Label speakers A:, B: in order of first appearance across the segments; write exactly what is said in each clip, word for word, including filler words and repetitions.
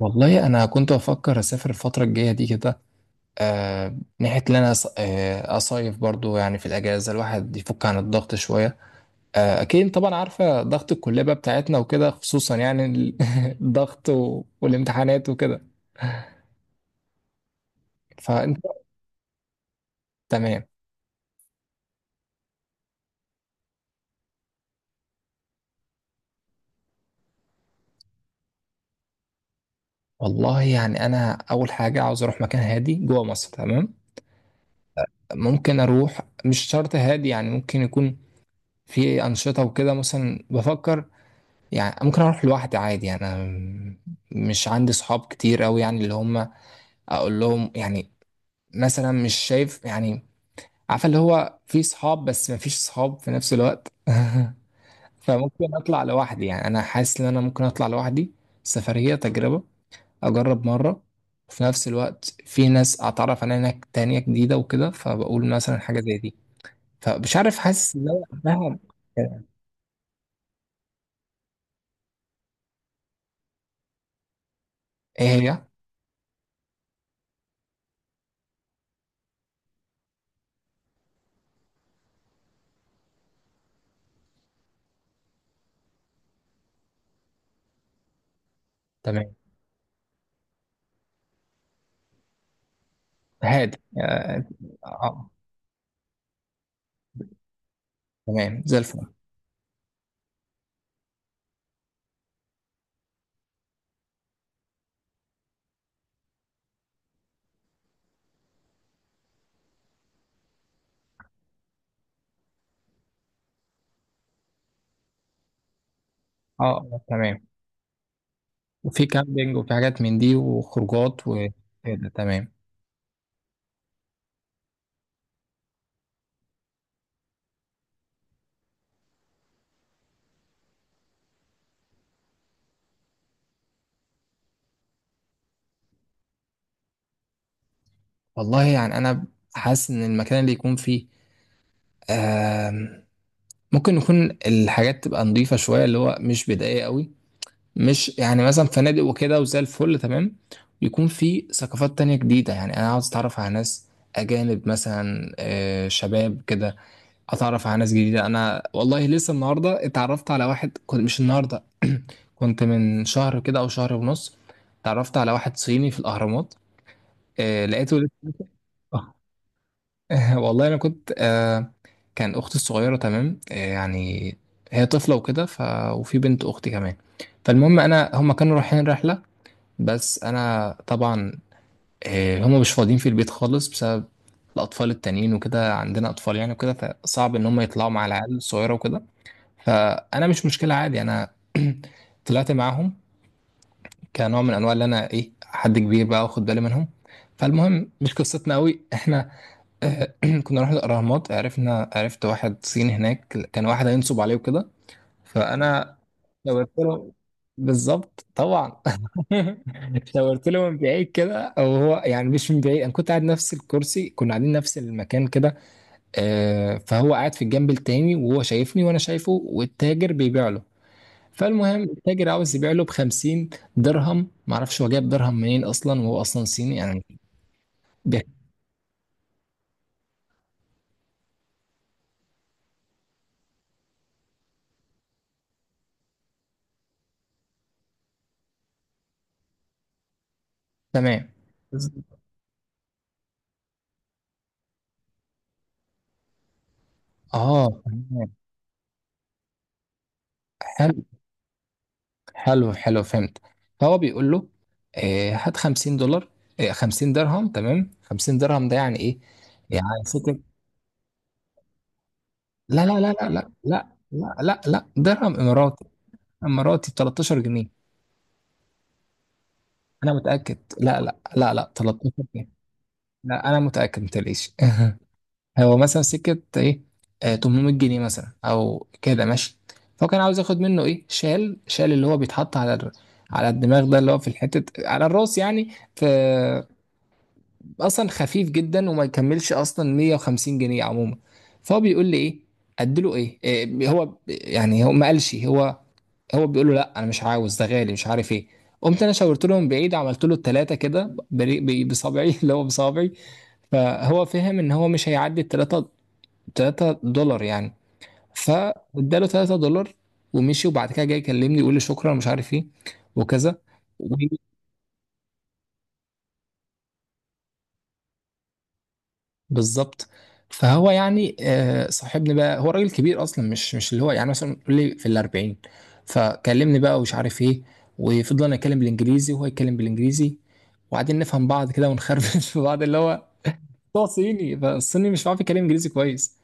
A: والله انا كنت بفكر اسافر الفتره الجايه دي كده. آه، ناحيه ان انا أص- آه، اصيف برضو، يعني في الاجازه الواحد يفك عن الضغط شويه. آه اكيد طبعا، عارفه ضغط الكليه بقى بتاعتنا وكده، خصوصا يعني ال- الضغط و- والامتحانات وكده. فانت. تمام. والله يعني انا اول حاجه عاوز اروح مكان هادي جوه مصر، تمام. ممكن اروح مش شرط هادي، يعني ممكن يكون في انشطه وكده، مثلا بفكر. يعني ممكن اروح لوحدي عادي، يعني أنا مش عندي صحاب كتير قوي، يعني اللي هم اقول لهم يعني، مثلا مش شايف، يعني عارفه اللي هو في صحاب بس ما فيش صحاب في نفس الوقت. فممكن اطلع لوحدي، يعني انا حاسس ان انا ممكن اطلع لوحدي، سفريه تجربه، اجرب مره. وفي نفس الوقت في ناس اتعرف عليها هناك تانية جديدة وكده، فبقول مثلا حاجة زي دي. فمش عارف، حاسس ان انا فاهم. ايه هي. تمام، هادي. آه. آه، تمام زي الفل. اه. آه، تمام. وفي كامبينج وفي حاجات من دي وخروجات وكده، تمام. والله يعني انا حاسس ان المكان اللي يكون فيه، آم، ممكن يكون الحاجات تبقى نظيفة شوية، اللي هو مش بدائية قوي، مش يعني مثلا فنادق وكده، وزي الفل تمام. يكون في ثقافات تانية جديدة، يعني انا عاوز اتعرف على ناس اجانب مثلا، آه، شباب كده. اتعرف على ناس جديدة. انا والله لسه النهاردة اتعرفت على واحد، كنت مش النهاردة، كنت من شهر كده او شهر ونص، اتعرفت على واحد صيني في الاهرامات. آه لقيته لسه. والله انا كنت آه كان اختي الصغيره تمام، آه يعني هي طفله وكده، ف... وفي بنت اختي كمان. فالمهم انا هم كانوا رايحين رحله، بس انا طبعا، آه هم مش فاضيين في البيت خالص بسبب الاطفال التانيين وكده، عندنا اطفال يعني وكده، فصعب ان هم يطلعوا مع العيال الصغيره وكده. فانا مش مشكله، عادي، انا طلعت معاهم، كنوع من انواع اللي انا ايه حد كبير بقى واخد بالي منهم. فالمهم مش قصتنا قوي احنا. آه، كنا رحنا الاهرامات، عرفنا عرفت واحد صيني هناك، كان واحد هينصب عليه وكده، فانا شاورت له. بالظبط طبعا. شاورت له من بعيد كده، او هو يعني مش من بعيد، انا كنت قاعد نفس الكرسي، كنا قاعدين نفس المكان كده. آه، فهو قاعد في الجنب التاني، وهو شايفني وانا شايفه، والتاجر بيبيع له. فالمهم التاجر عاوز يبيع له ب خمسين درهم، معرفش هو جايب درهم منين اصلا، وهو اصلا صيني يعني. بيع- تمام. اه، تمام. حلو حلو حلو، فهمت. فهو بيقول له، آه، هات خمسين دولار، آه، خمسين درهم، تمام. خمسين درهم ده يعني ايه؟ يعني ستة. لا لا لا لا لا لا لا لا لا، درهم اماراتي. اماراتي ب تلتاشر جنيه. انا متأكد، لا لا لا لا، تلتاشر جنيه. لا انا متأكد ما تقلقيش. هو مثلا سكة ايه، آه تمن ميت جنيه مثلا او كده، ماشي. فهو كان عاوز ياخد منه ايه، شال، شال اللي هو بيتحط على ال... على الدماغ ده، اللي هو في الحتة على الراس يعني. ف اصلا خفيف جدا وما يكملش اصلا مية وخمسين جنيه عموما. فهو بيقول لي ايه، اديله ايه؟ آه هو يعني، هو ما قالش، هو هو بيقول له لا انا مش عاوز ده غالي، مش عارف ايه. قمت انا شاورت له من بعيد، عملت له التلاتة كده بري- ب- بصابعي، اللي هو بصابعي. فهو فهم ان هو مش هيعدي التلاتة، ثلاثة دولار يعني. فاداله ثلاثة دولار ومشي. وبعد كده جاي يكلمني يقول لي شكرا، مش عارف ايه وكذا. و- بالظبط. فهو يعني، آه، صاحبني بقى. هو راجل كبير اصلا، مش مش اللي هو يعني مثلا، يقول لي في الاربعين. فكلمني بقى ومش عارف ايه، وفضلنا نتكلم بالانجليزي، وهو يتكلم بالانجليزي، وبعدين نفهم بعض كده، ونخربش في بعض، اللي هو، هو صيني، فالصيني مش عارف يتكلم انجليزي كويس.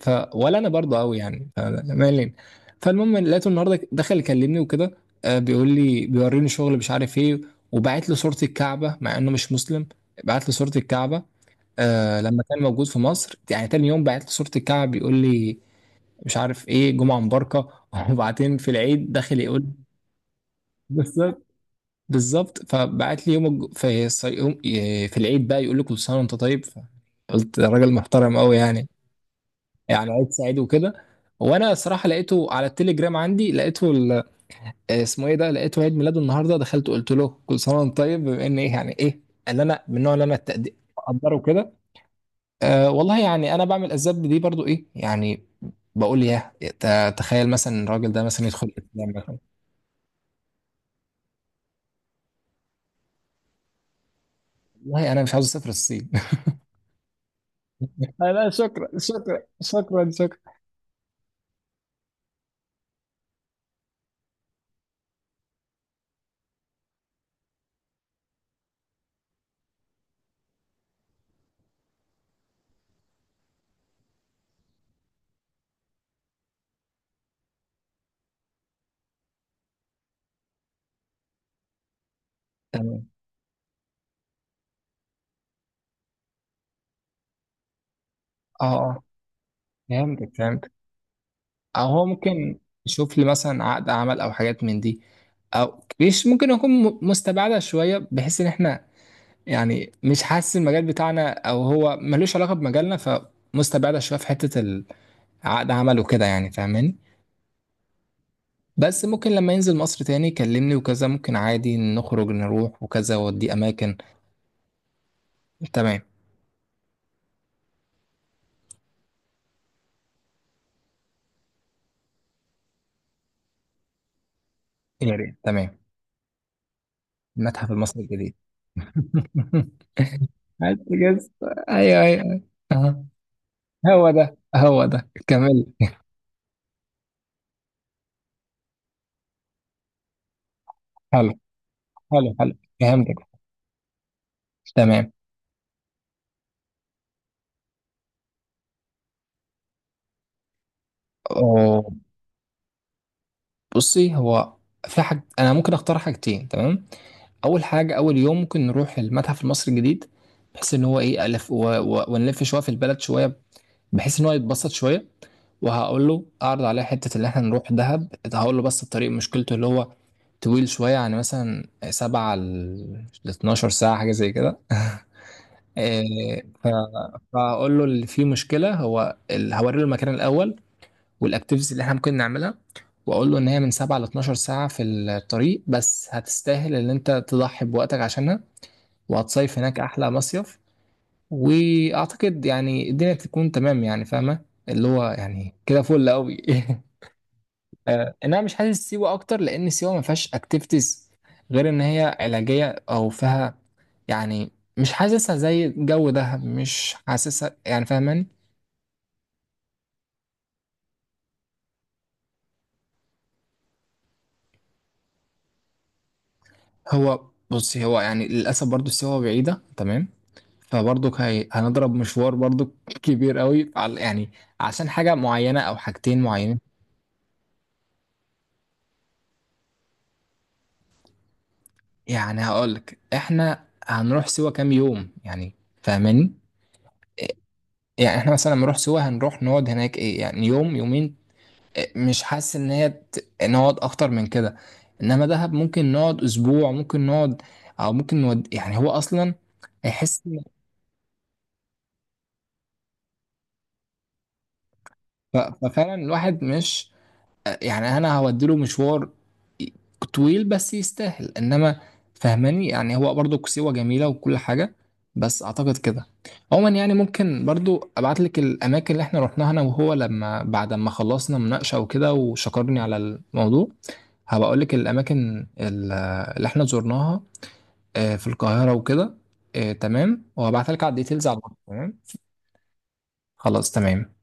A: ف ولا انا برضه قوي يعني، فمالين. فالمهم لقيته النهارده دخل يكلمني وكده. آه، بيقول لي بيوريني شغل، مش عارف ايه. وبعت له صورة الكعبة مع انه مش مسلم، بعت له صورة الكعبة. آه لما كان موجود في مصر يعني، تاني يوم بعت له صورة الكعبة بيقول لي مش عارف ايه، جمعة مباركة. وبعدين في العيد داخل يقول. بالظبط، بالظبط. فبعت لي يوم الج- في الص- يوم- في العيد بقى يقول لي كل سنة وانت طيب. قلت ده راجل محترم قوي يعني، يعني عيد سعيد وكده. وانا صراحه لقيته على التليجرام عندي، لقيته ال- آه، اسمه ايه ده، لقيته عيد ميلاده النهارده، دخلت قلت له كل سنه وانت طيب، بما ان ايه يعني، ايه اللي انا، من النوع اللي انا التقدير اقدره كده. أه والله يعني انا بعمل اسباب دي برضو، ايه يعني، بقول يا ت- تخيل مثلا الراجل ده مثلا يدخل الاسلام مثلا. والله انا مش عاوز اسافر الصين. لا لا، شكرا شكرا شكرا شكرا. تمام. اه اه، فهمتك، فهمت. او هو ممكن يشوف لي مثلا عقد عمل او حاجات من دي، او مش ممكن، يكون م- مستبعده شويه، بحيث ان احنا، يعني مش حاسس المجال بتاعنا، او هو ملوش علاقه بمجالنا، فمستبعده شويه في حته ال- عقد عمل وكده، يعني فاهماني. بس ممكن لما ينزل مصر تاني يكلمني وكذا، ممكن عادي نخرج نروح وكذا، ودي اماكن. تمام. يا ريت، تمام. المتحف المصري الجديد. بس كده. ايوه ايوه. أها. هو ده، هو ده، كمل. حلو حلو، فهمتك، تمام. أو- بصي هو، في حاج انا ممكن اختار حاجتين، تمام. اول حاجه، اول يوم ممكن نروح المتحف المصري الجديد، بحيث ان هو ايه الف، و... و... ونلف شويه في البلد شويه، بحيث ان هو يتبسط شويه. وهقول له اعرض عليه حته اللي احنا نروح دهب، هقول له بس الطريق مشكلته اللي هو طويل شويه، يعني مثلا سبع ل اثنا عشر ساعه حاجه زي كده. إيه، ف- فهقول له اللي فيه مشكله هو ال- هوري له المكان الاول والاكتيفيتيز اللي احنا ممكن نعملها، واقول له ان هي من سبعة ل اثنا عشر ساعه في الطريق، بس هتستاهل ان انت تضحي بوقتك عشانها، وهتصيف هناك احلى مصيف. واعتقد يعني الدنيا تكون تمام، يعني فاهمه، اللي هو يعني كده فل قوي. آه، إن انا مش حاسس سيوه اكتر، لان سيوه ما فيهاش اكتيفيتيز غير ان هي علاجيه او فيها يعني، مش حاسسها زي جو دهب، مش حاسسها، يعني فاهماني. هو بصي هو، يعني للاسف برضو سيوه بعيده، تمام. فبرضك هي... هنضرب مشوار برضك كبير قوي على، يعني عشان حاجة معينة أو حاجتين معينين. يعني هقولك، إحنا هنروح سوا كام يوم يعني، فاهماني؟ يعني إحنا مثلا لما نروح سوا هنروح نقعد هناك، إيه يعني يوم، يومين. إيه، مش حاسس إن هي ت- نقعد أكتر من كده. إنما دهب ممكن نقعد أسبوع، ممكن نقعد أو ممكن نود. يعني هو أصلا هيحس إن- ف- ففعلا الواحد مش، يعني انا هوديله مشوار طويل بس يستاهل، انما فهماني يعني. هو برضو كسيوة جميلة وكل حاجة، بس اعتقد كده عموما. يعني ممكن برضو ابعت لك الاماكن اللي احنا رحناها انا وهو، لما بعد ما خلصنا مناقشة وكده وشكرني على الموضوع، هبقى اقول لك الاماكن ال- اللي احنا زرناها، آه، في القاهرة وكده. آه، تمام، وهبعتها لك على الديتيلز على الواتس، تمام. خلاص تمام.